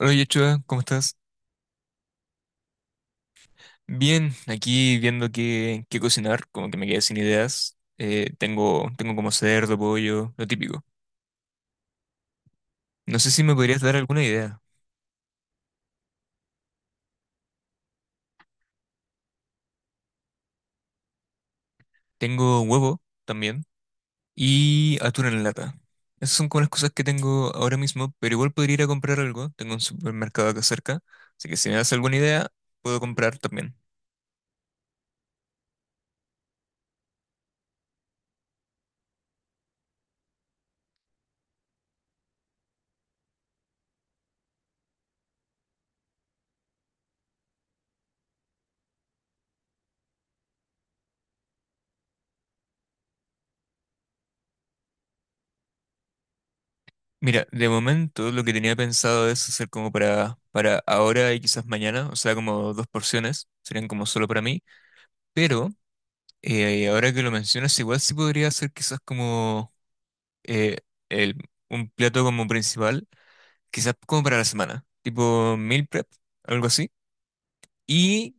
Hola Yechua, ¿cómo estás? Bien, aquí viendo qué cocinar, como que me quedé sin ideas. Tengo como cerdo, pollo, lo típico. No sé si me podrías dar alguna idea. Tengo huevo también y atún en lata. Esas son como las cosas que tengo ahora mismo, pero igual podría ir a comprar algo. Tengo un supermercado acá cerca, así que si me das alguna idea, puedo comprar también. Mira, de momento lo que tenía pensado es hacer como para ahora y quizás mañana, o sea, como dos porciones, serían como solo para mí. Pero Ahora que lo mencionas, igual sí podría ser quizás como eh, el- un plato como principal, quizás como para la semana, tipo meal prep, algo así. Y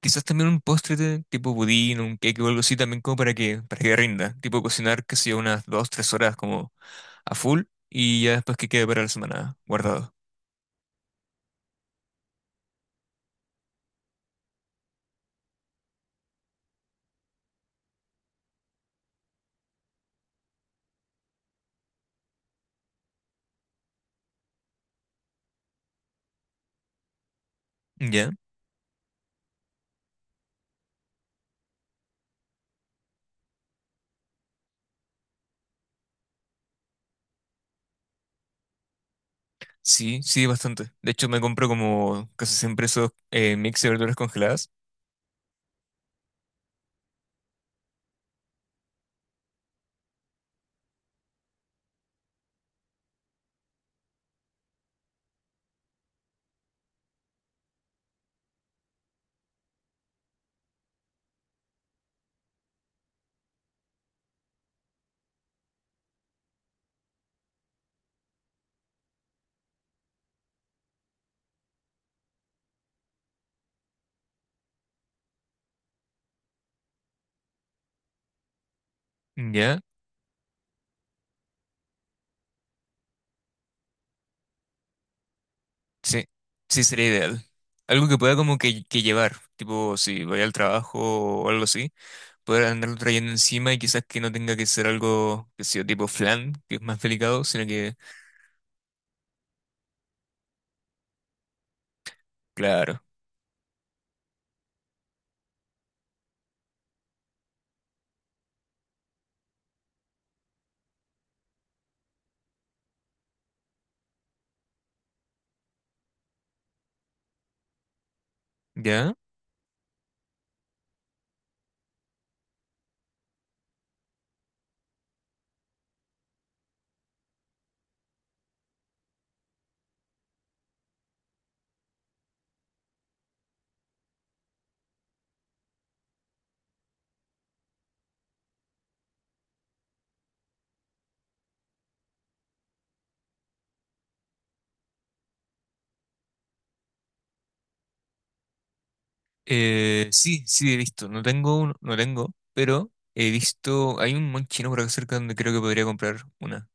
quizás también un postre tipo budín, un cake o algo así, también como para que rinda. Tipo cocinar, que sea unas 2, 3 horas como a full y ya después que quede para la semana guardado. ¿Ya? Sí, sí, bastante. De hecho, me compro como casi siempre esos mix de verduras congeladas. ¿Ya? Sí, sí sería ideal. Algo que pueda como que llevar, tipo si voy al trabajo o algo así, poder andarlo trayendo encima y quizás que no tenga que ser algo que sea tipo flan, que es más delicado, sino que, claro, ¿ya? Sí, sí he visto, no tengo uno, no tengo, pero he visto, hay un buen chino por acá cerca donde creo que podría comprar una,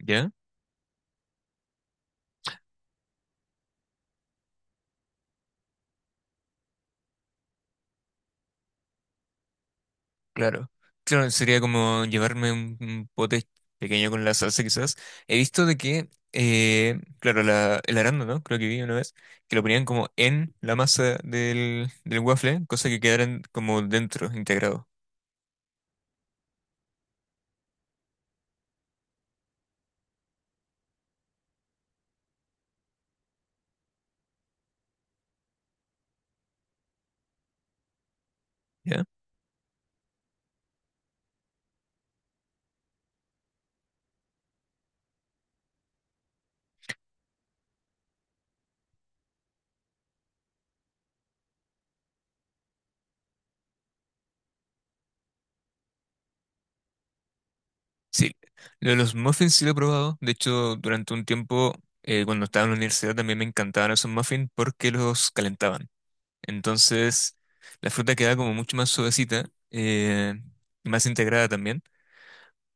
¿ya? Claro, claro, sería como llevarme un pote pequeño con la salsa quizás. He visto de que, claro, la, el arándano, creo que vi una vez, que lo ponían como en la masa del waffle, cosa que quedaran como dentro, integrado, ¿ya? Sí, lo de los muffins sí lo he probado, de hecho durante un tiempo, cuando estaba en la universidad también me encantaban esos muffins porque los calentaban. Entonces, la fruta queda como mucho más suavecita, eh, y más integrada también.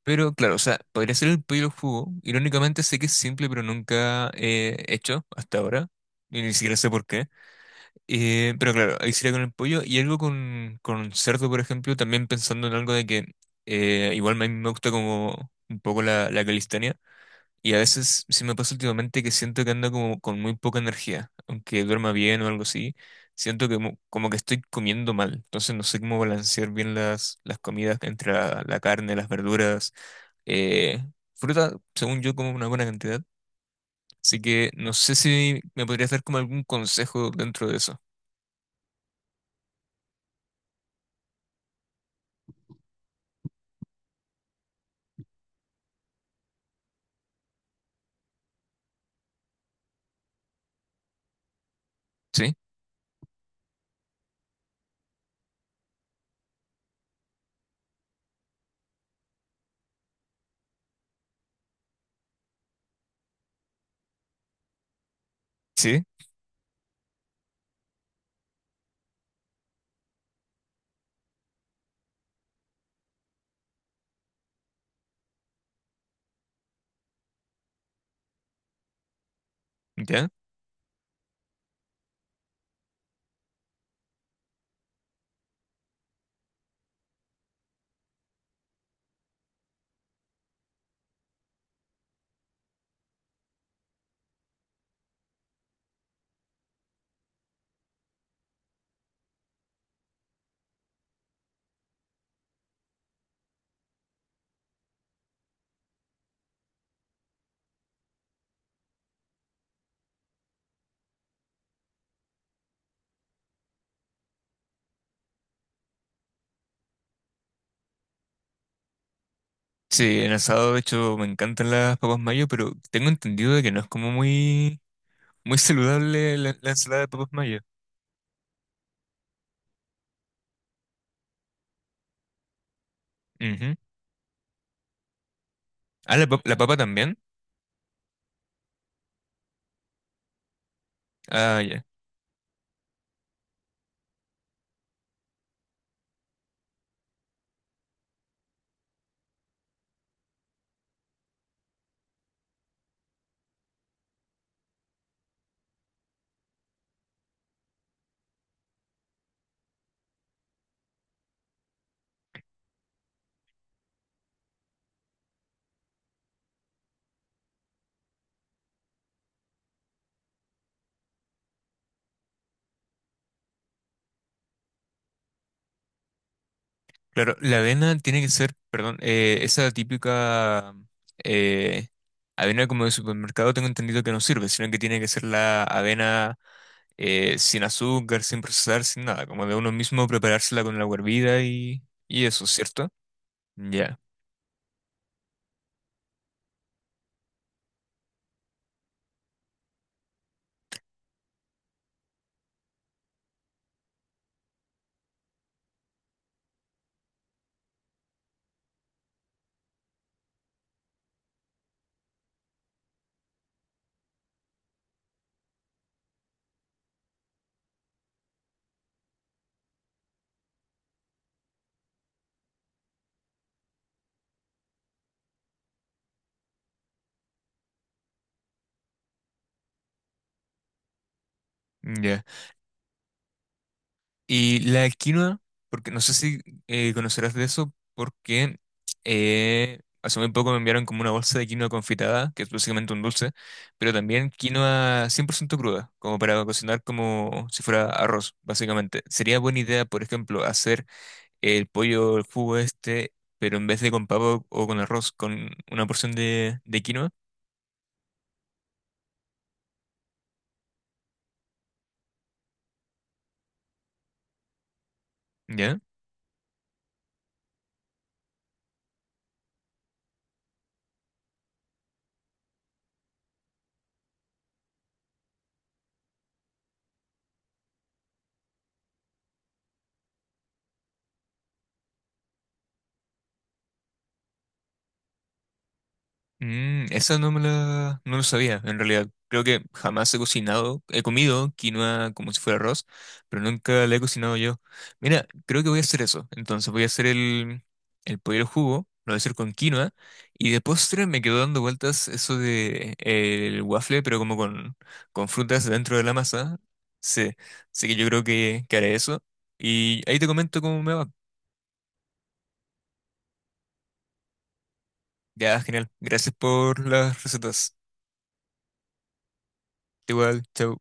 Pero claro, o sea, podría ser el pollo al jugo. Irónicamente sé que es simple, pero nunca he hecho hasta ahora. Y ni siquiera sé por qué. Pero claro, ahí sería con el pollo. Y algo con cerdo, por ejemplo, también pensando en algo de que igual me gusta como un poco la calistenia. Y a veces sí me pasa últimamente que siento que ando como con muy poca energía. Aunque duerma bien o algo así, siento que como que estoy comiendo mal. Entonces no sé cómo balancear bien las comidas entre la carne, las verduras eh, fruta, según yo, como una buena cantidad. Así que no sé si me podrías dar como algún consejo dentro de eso. ¿Sí? ¿Sí? ¿Ya? Sí, en asado, de hecho, me encantan las papas mayo, pero tengo entendido de que no es como muy, muy saludable la ensalada de papas mayo. Ujú. Ah, la papa también. Ah, ya. Claro, la avena tiene que ser, perdón, esa típica eh, avena como de supermercado tengo entendido que no sirve, sino que tiene que ser la avena sin azúcar, sin procesar, sin nada, como de uno mismo preparársela con la hervida y eso, ¿cierto? Ya, ya. Y la quinoa, porque no sé si conocerás de eso, porque hace muy poco me enviaron como una bolsa de quinoa confitada, que es básicamente un dulce, pero también quinoa 100% cruda, como para cocinar como si fuera arroz, básicamente. Sería buena idea, por ejemplo, hacer el pollo, el jugo este, pero en vez de con pavo o con arroz, con una porción de quinoa, ¿ya? Mm, esa no me no lo sabía, en realidad. Creo que jamás he cocinado, he comido quinoa como si fuera arroz, pero nunca la he cocinado yo. Mira, creo que voy a hacer eso. Entonces voy a hacer el pollo al jugo, lo voy a hacer con quinoa, y de postre me quedó dando vueltas eso de el waffle, pero como con frutas dentro de la masa. Sí, así que yo creo que haré eso. Y ahí te comento cómo me va. Ya, genial. Gracias por las recetas. Igual, chao.